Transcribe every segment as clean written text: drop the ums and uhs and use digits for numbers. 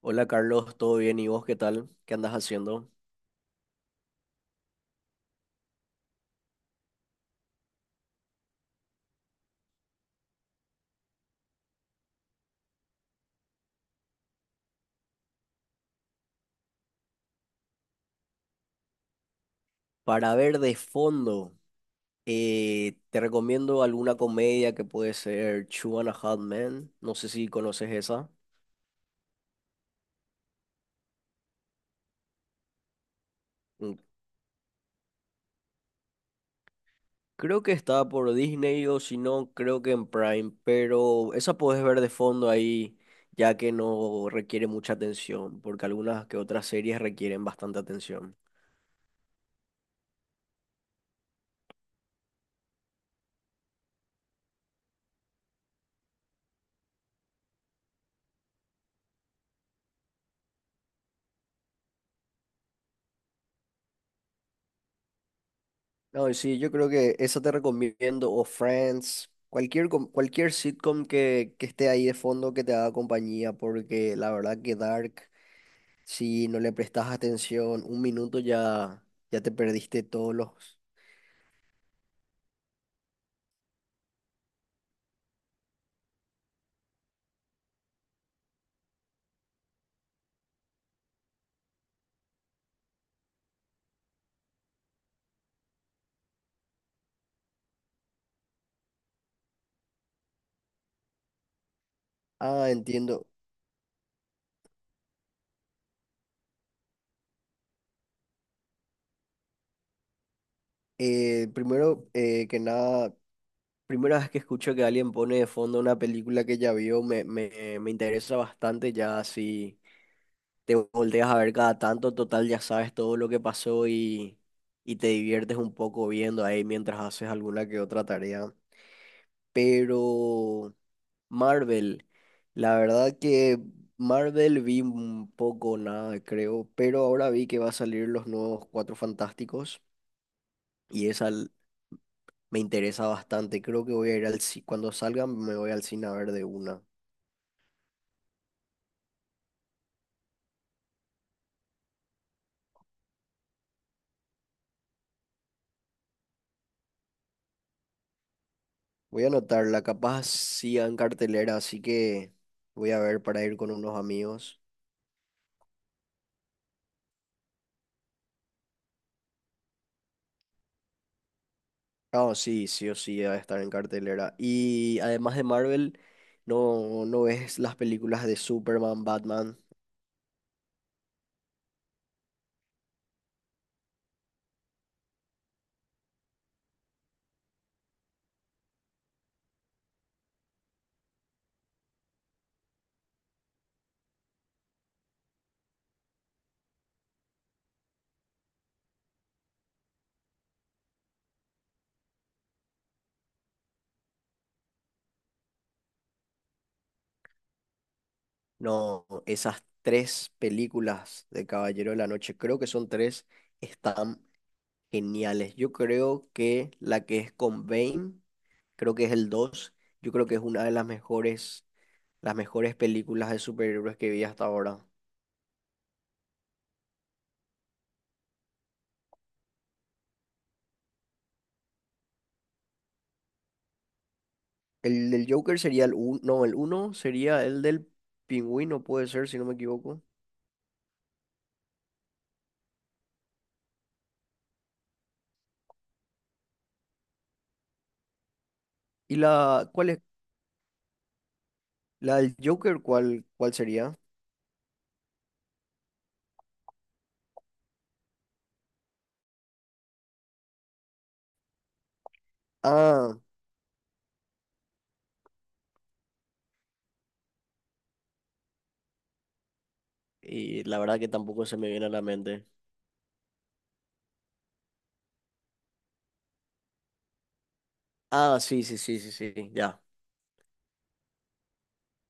Hola Carlos, ¿todo bien? ¿Y vos qué tal? ¿Qué andas haciendo? Para ver de fondo, te recomiendo alguna comedia que puede ser Two and a Half Men. No sé si conoces esa. Mm. Creo que está por Disney o si no, creo que en Prime, pero esa puedes ver de fondo ahí, ya que no requiere mucha atención, porque algunas que otras series requieren bastante atención. No, sí, yo creo que eso te recomiendo, o Friends, cualquier, cualquier sitcom que esté ahí de fondo que te haga compañía, porque la verdad que Dark, si no le prestas atención, un minuto ya, ya te perdiste todos los... Ah, entiendo. Primero que nada, primera vez que escucho que alguien pone de fondo una película que ya vio, me interesa bastante ya así te volteas a ver cada tanto, total ya sabes todo lo que pasó y te diviertes un poco viendo ahí mientras haces alguna que otra tarea. Pero Marvel, la verdad que Marvel vi un poco nada, creo, pero ahora vi que va a salir los nuevos Cuatro Fantásticos y me interesa bastante. Creo que voy a ir al cine, cuando salgan me voy al cine a ver de una. Voy a anotarla, capaz sigan en cartelera, así que voy a ver para ir con unos amigos. Ah, sí, sí o sí va a estar en cartelera. Y además de Marvel, no, ¿no ves las películas de Superman, Batman? No, esas tres películas de Caballero de la Noche, creo que son tres, están geniales. Yo creo que la que es con Bane, creo que es el dos, yo creo que es una de las mejores películas de superhéroes que vi hasta ahora. El del Joker sería el uno no, el uno sería el del Pingüino, puede ser, si no me equivoco. ¿Y la cuál es? La del Joker, cuál sería? Ah, y la verdad que tampoco se me viene a la mente. Ah, sí, sí, sí, sí, sí, ya.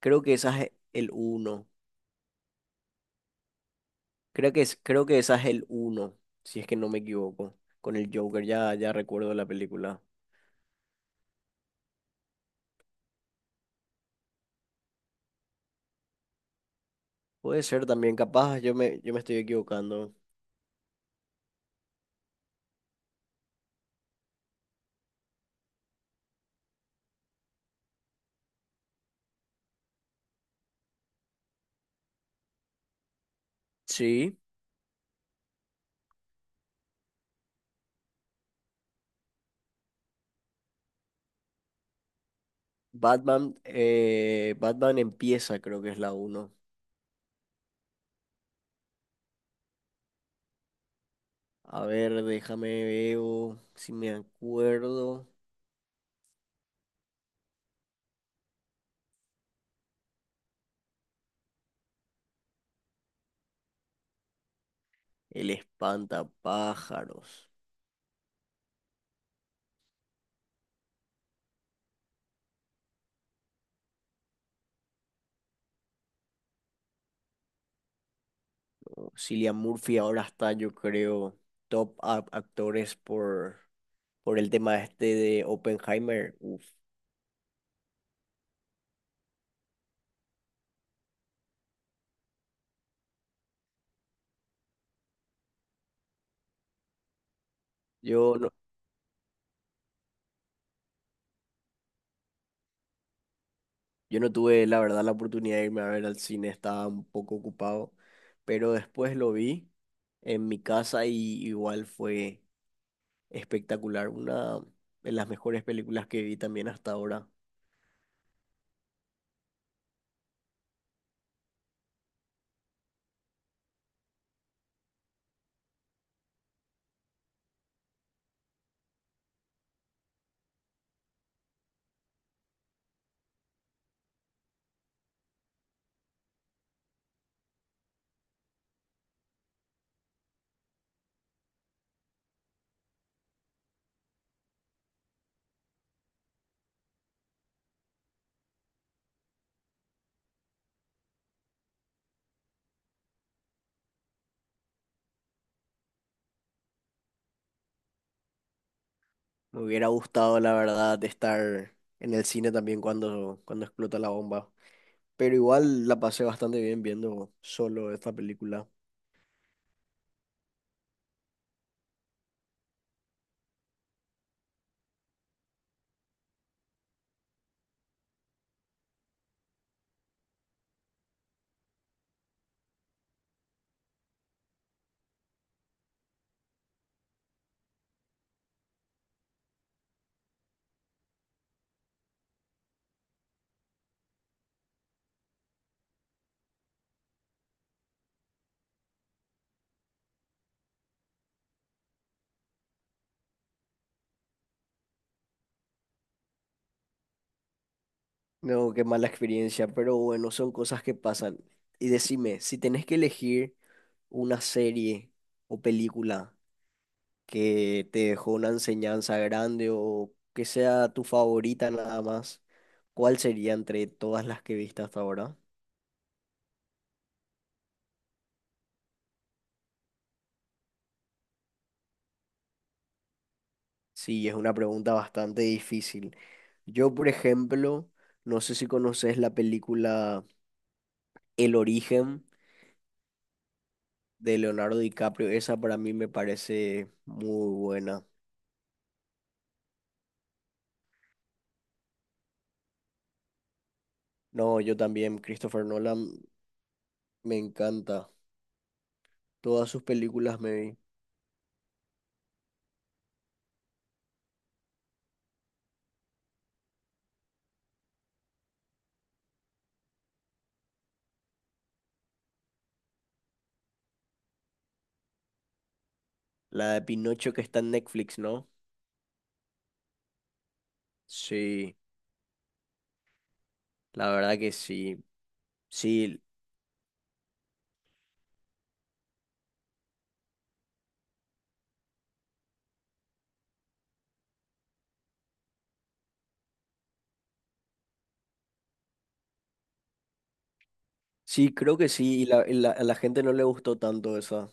Creo que esa es el uno. Creo que esa es el uno si es que no me equivoco. Con el Joker, ya, ya recuerdo la película. Puede ser también, capaz yo me estoy equivocando. Sí, Batman, Batman empieza, creo que es la uno. A ver, déjame veo si me acuerdo. El espantapájaros. Cillian Murphy ahora está, yo creo, top actores por el tema este de Oppenheimer. Uf. Yo no, yo no tuve, la verdad, la oportunidad de irme a ver al cine, estaba un poco ocupado, pero después lo vi en mi casa y igual fue espectacular. Una de las mejores películas que vi también hasta ahora. Me hubiera gustado, la verdad, estar en el cine también cuando explota la bomba. Pero igual la pasé bastante bien viendo solo esta película. No, qué mala experiencia, pero bueno, son cosas que pasan. Y decime, si tenés que elegir una serie o película que te dejó una enseñanza grande o que sea tu favorita nada más, ¿cuál sería entre todas las que viste hasta ahora? Sí, es una pregunta bastante difícil. Yo, por ejemplo, no sé si conoces la película El Origen de Leonardo DiCaprio, esa para mí me parece muy buena. No, yo también, Christopher Nolan. Me encanta. Todas sus películas me vi. ¿La de Pinocho que está en Netflix, no? Sí, la verdad que sí. Sí, sí, creo que sí. Y la, a la gente no le gustó tanto esa.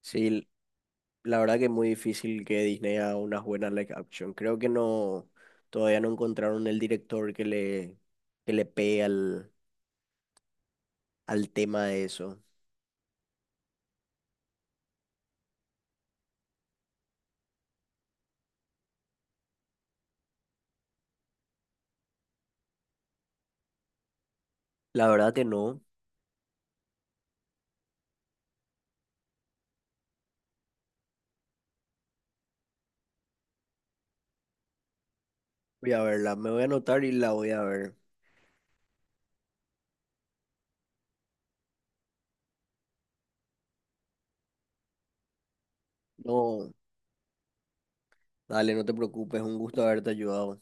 Sí, la verdad que es muy difícil que Disney haga unas buenas live action. Creo que no, todavía no encontraron el director que le pegue al, al tema de eso. La verdad que no. Voy a verla, me voy a anotar y la voy a ver. No, dale, no te preocupes, un gusto haberte ayudado.